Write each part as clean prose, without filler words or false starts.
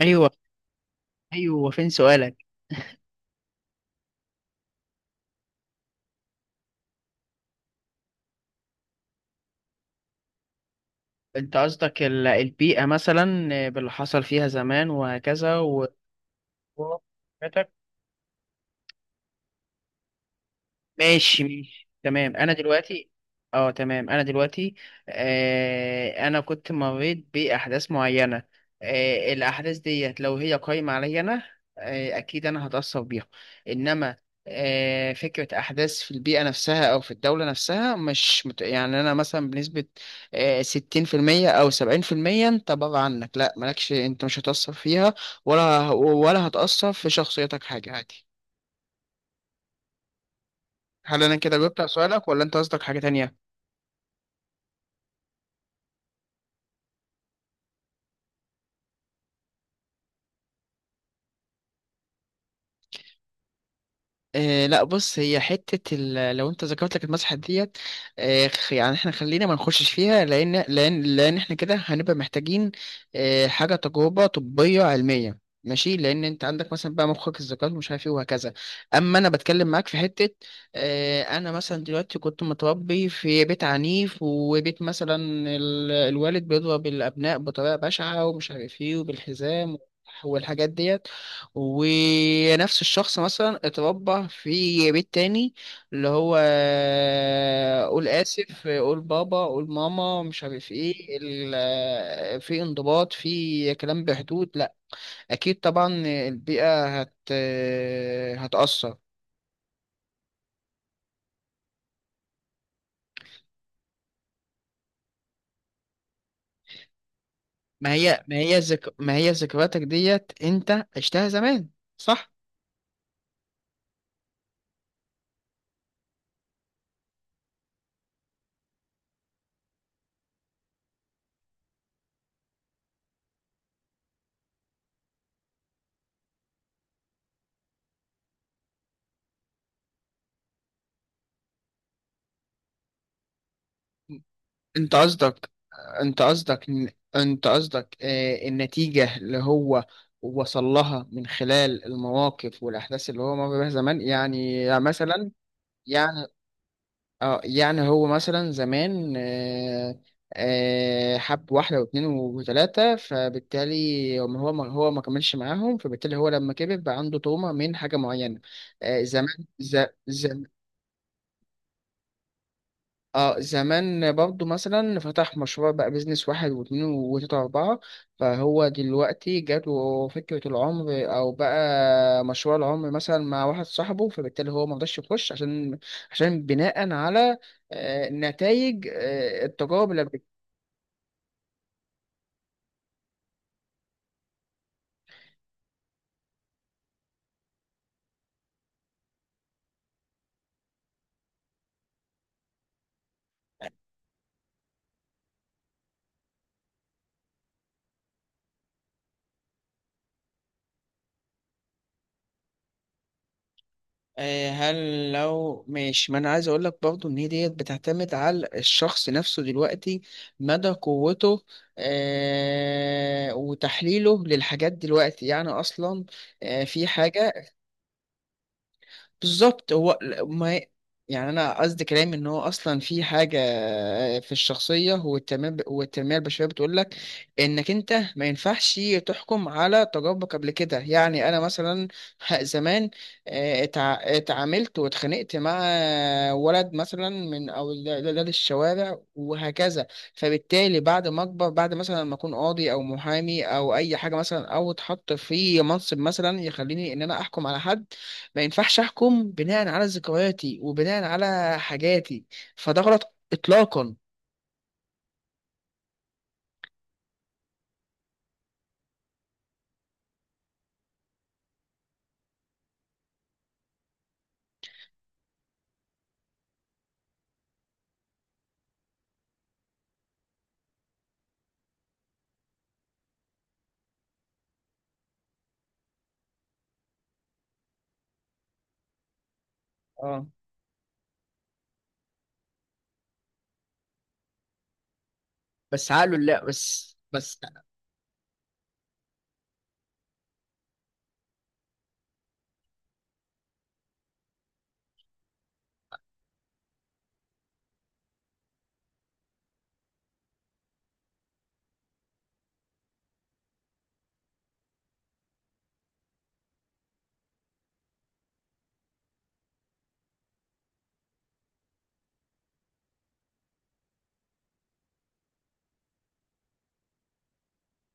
ايوه. ايوه، فين سؤالك؟ انت قصدك البيئه مثلا، آه، باللي حصل فيها زمان وهكذا و... ماشي ماشي تمام. انا دلوقتي اه تمام، انا دلوقتي آه انا كنت مريت باحداث معينه. آه الاحداث ديت لو هي قايمه عليا انا، آه اكيد انا هتاثر بيها. انما آه فكره احداث في البيئه نفسها او في الدوله نفسها مش مت... يعني انا مثلا بنسبه آه 60% او 70%، انت بره عنك لا، مالكش، انت مش هتاثر فيها ولا هتاثر في شخصيتك حاجه عادي. هل انا كده جبت على سؤالك؟ ولا انت قصدك حاجه تانية؟ آه لا بص، هي حتة لو انت ذكرت لك المسحة ديت، آه، يعني احنا خلينا ما نخشش فيها لان احنا كده هنبقى محتاجين آه حاجة تجربة طبية علمية. ماشي، لان انت عندك مثلا بقى مخك الذكاء ومش عارف ايه وهكذا، اما انا بتكلم معاك في حتة، آه انا مثلا دلوقتي كنت متربي في بيت عنيف، وبيت مثلا الوالد بيضرب الابناء بطريقة بشعة ومش عارف ايه، وبالحزام والحاجات ديت. ونفس الشخص مثلا اتربى في بيت تاني اللي هو قول آسف، قول بابا، قول ماما، مش عارف ايه في انضباط، في كلام بحدود، لا اكيد طبعا. البيئة هتأثر. ما هي ذكرياتك ديت انت عشتها زمان، صح؟ انت قصدك انت قصدك ان- انت قصدك، آه، النتيجة اللي هو وصل لها من خلال المواقف والأحداث اللي هو مر بيها زمان؟ يعني مثلا يعني اه يعني هو مثلا زمان، آه، آه، حب واحدة واثنين وثلاثة، فبالتالي هو ما كملش معاهم، فبالتالي هو لما كبر بقى عنده تروما من حاجة معينة آه، زمان. ز- اه زمان برضو مثلا فتح مشروع بقى بيزنس واحد واتنين وتلاتة وأربعة، فهو دلوقتي جاته فكرة العمر أو بقى مشروع العمر مثلا مع واحد صاحبه، فبالتالي هو مرضاش يخش، عشان عشان بناء على نتائج التجارب اللي آه، هل لو ماشي ما انا عايز اقول لك برضو ان هي ديت بتعتمد على الشخص نفسه دلوقتي، مدى قوته آه وتحليله للحاجات دلوقتي. يعني اصلا آه في حاجة. بالظبط، هو ل- ما يعني انا قصدي كلامي ان هو اصلا في حاجه، في الشخصيه والتنميه، والتنميه البشريه بتقول لك انك انت ما ينفعش تحكم على تجاربك قبل كده. يعني انا مثلا زمان، آه، اتعاملت واتخانقت مع ولد مثلا من اولاد الشوارع وهكذا، فبالتالي بعد ما اكبر، بعد مثلا ما اكون قاضي او محامي او اي حاجه مثلا او اتحط في منصب مثلا يخليني ان انا احكم على حد، ما ينفعش احكم بناء على ذكرياتي وبناء على حاجاتي، فده غلط اطلاقا. اه بس عقله لا، بس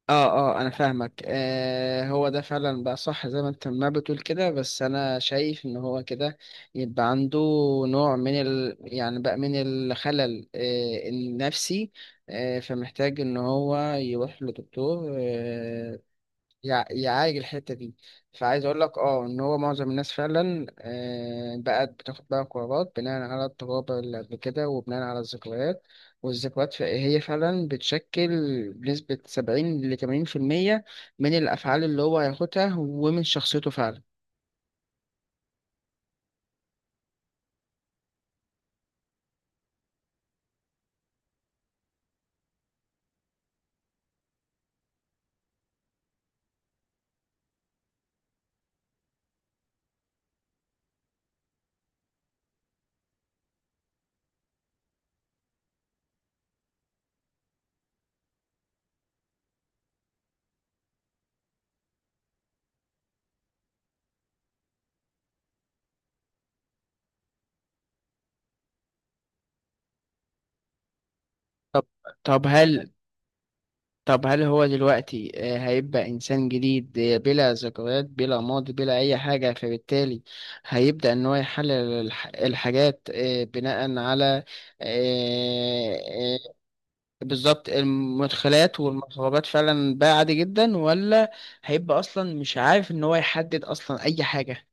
اه، اه انا فاهمك آه. هو ده فعلا بقى صح زي ما انت ما بتقول كده، بس انا شايف ان هو كده يبقى عنده نوع من ال يعني بقى من الخلل آه النفسي، آه فمحتاج ان هو يروح لدكتور آه يعالج الحتة دي. فعايز أقول لك أه إن هو معظم الناس فعلا، آه، بقت بتاخد بقى قرارات بناء على التجارب اللي قبل كده وبناء على الذكريات. والذكريات هي فعلا بتشكل بنسبة 70 لـ80% من الأفعال اللي هو هياخدها ومن شخصيته فعلا. طب طب طب هل هو دلوقتي، آه، هيبقى إنسان جديد آه، بلا ذكريات بلا ماضي بلا أي حاجة، فبالتالي هيبدأ إن هو يحلل الحاجات آه، بناء على آه، آه، بالظبط المدخلات والمخرجات فعلا بقى عادي جدا؟ ولا هيبقى أصلا مش عارف إن هو يحدد أصلا أي حاجة؟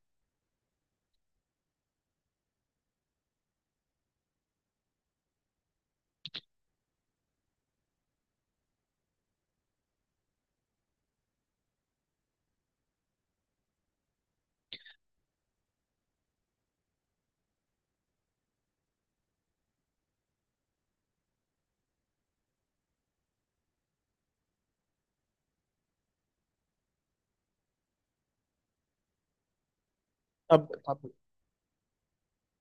طب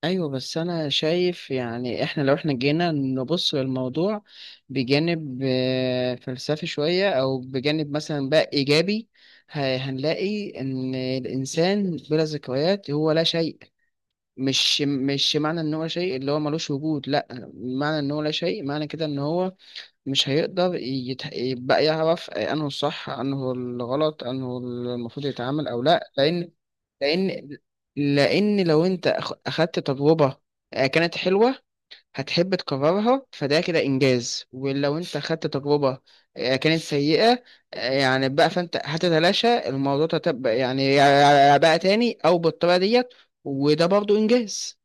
ايوه، بس انا شايف يعني احنا لو احنا جينا نبص للموضوع بجانب آه، فلسفي شوية او بجانب مثلا بقى ايجابي، هنلاقي ان الانسان بلا ذكريات هو لا شيء. مش معنى ان هو شيء اللي هو ملوش وجود، لا، معنى ان هو لا شيء معنى كده ان هو مش هيقدر يبقى يعرف انه الصح انه الغلط انه المفروض يتعامل او لا، لان لان لو انت اخدت تجربه، آه، كانت حلوه، هتحب تكررها، فده كده انجاز. ولو انت اخدت تجربه، آه، كانت سيئه، آه، يعني بقى، فانت هتتلاشى الموضوع ده، تبقى يعني بقى تاني او بالطريقه ديت، وده برضو انجاز.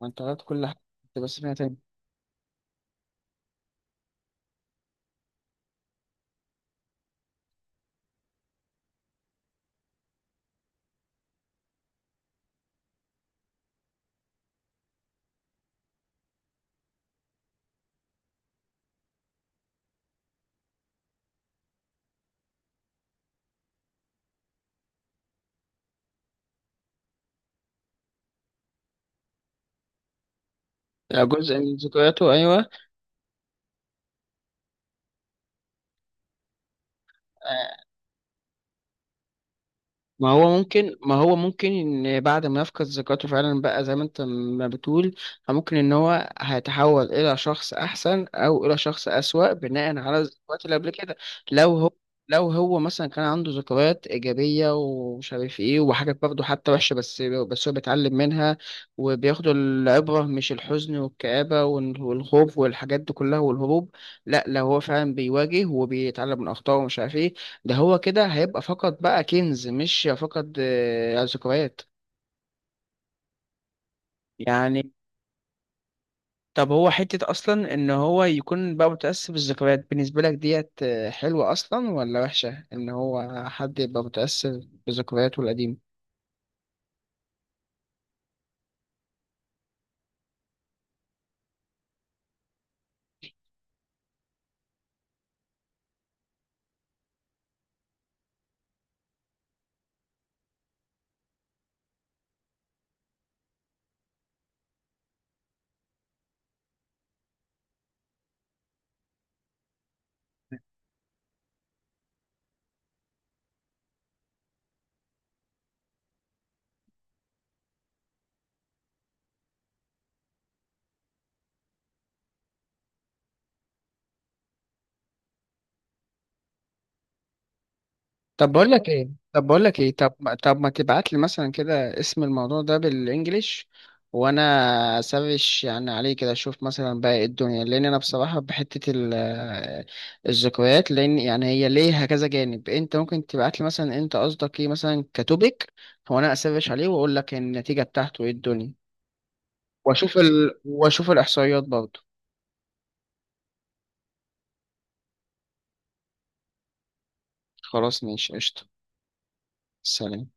وانت غلط كل حاجه بس فيها تاني. جزء من ذكرياته، ايوه. ما هو ممكن ان بعد ما يفقد ذاكرته فعلا بقى زي ما انت ما بتقول، ممكن ان هو هيتحول الى شخص احسن او الى شخص اسوأ بناء على الذكريات اللي قبل كده. لو هو لو هو مثلا كان عنده ذكريات ايجابيه ومش عارف ايه وحاجات برضه حتى وحشه، بس هو بيتعلم منها، وبياخد العبره، مش الحزن والكآبه والخوف والحاجات دي كلها والهروب، لا، لو هو فعلا بيواجه وبيتعلم من اخطائه ومش عارف ايه، ده هو كده هيبقى فقط بقى كنز، مش فقط آه، ذكريات. يعني طب هو حتة أصلا إن هو يكون بقى متأثر بالذكريات بالنسبة لك ديت، آه، حلوة أصلا ولا وحشة إن هو حد يبقى متأثر بذكرياته القديمة؟ طب بقول لك ايه طب بقول لك ايه طب ما- طب ما تبعت لي مثلا كده اسم الموضوع ده بالانجليش، وانا سافش يعني عليه كده، اشوف مثلا بقى ايه الدنيا، لان انا بصراحه بحته الذكريات، لان يعني هي ليها كذا جانب. انت ممكن تبعت لي مثلا انت قصدك ايه مثلا كتوبيك، وانا اسافش عليه واقول لك النتيجه بتاعته ايه الدنيا، واشوف الاحصائيات برضه. خلاص ماشي قشطه. سلام.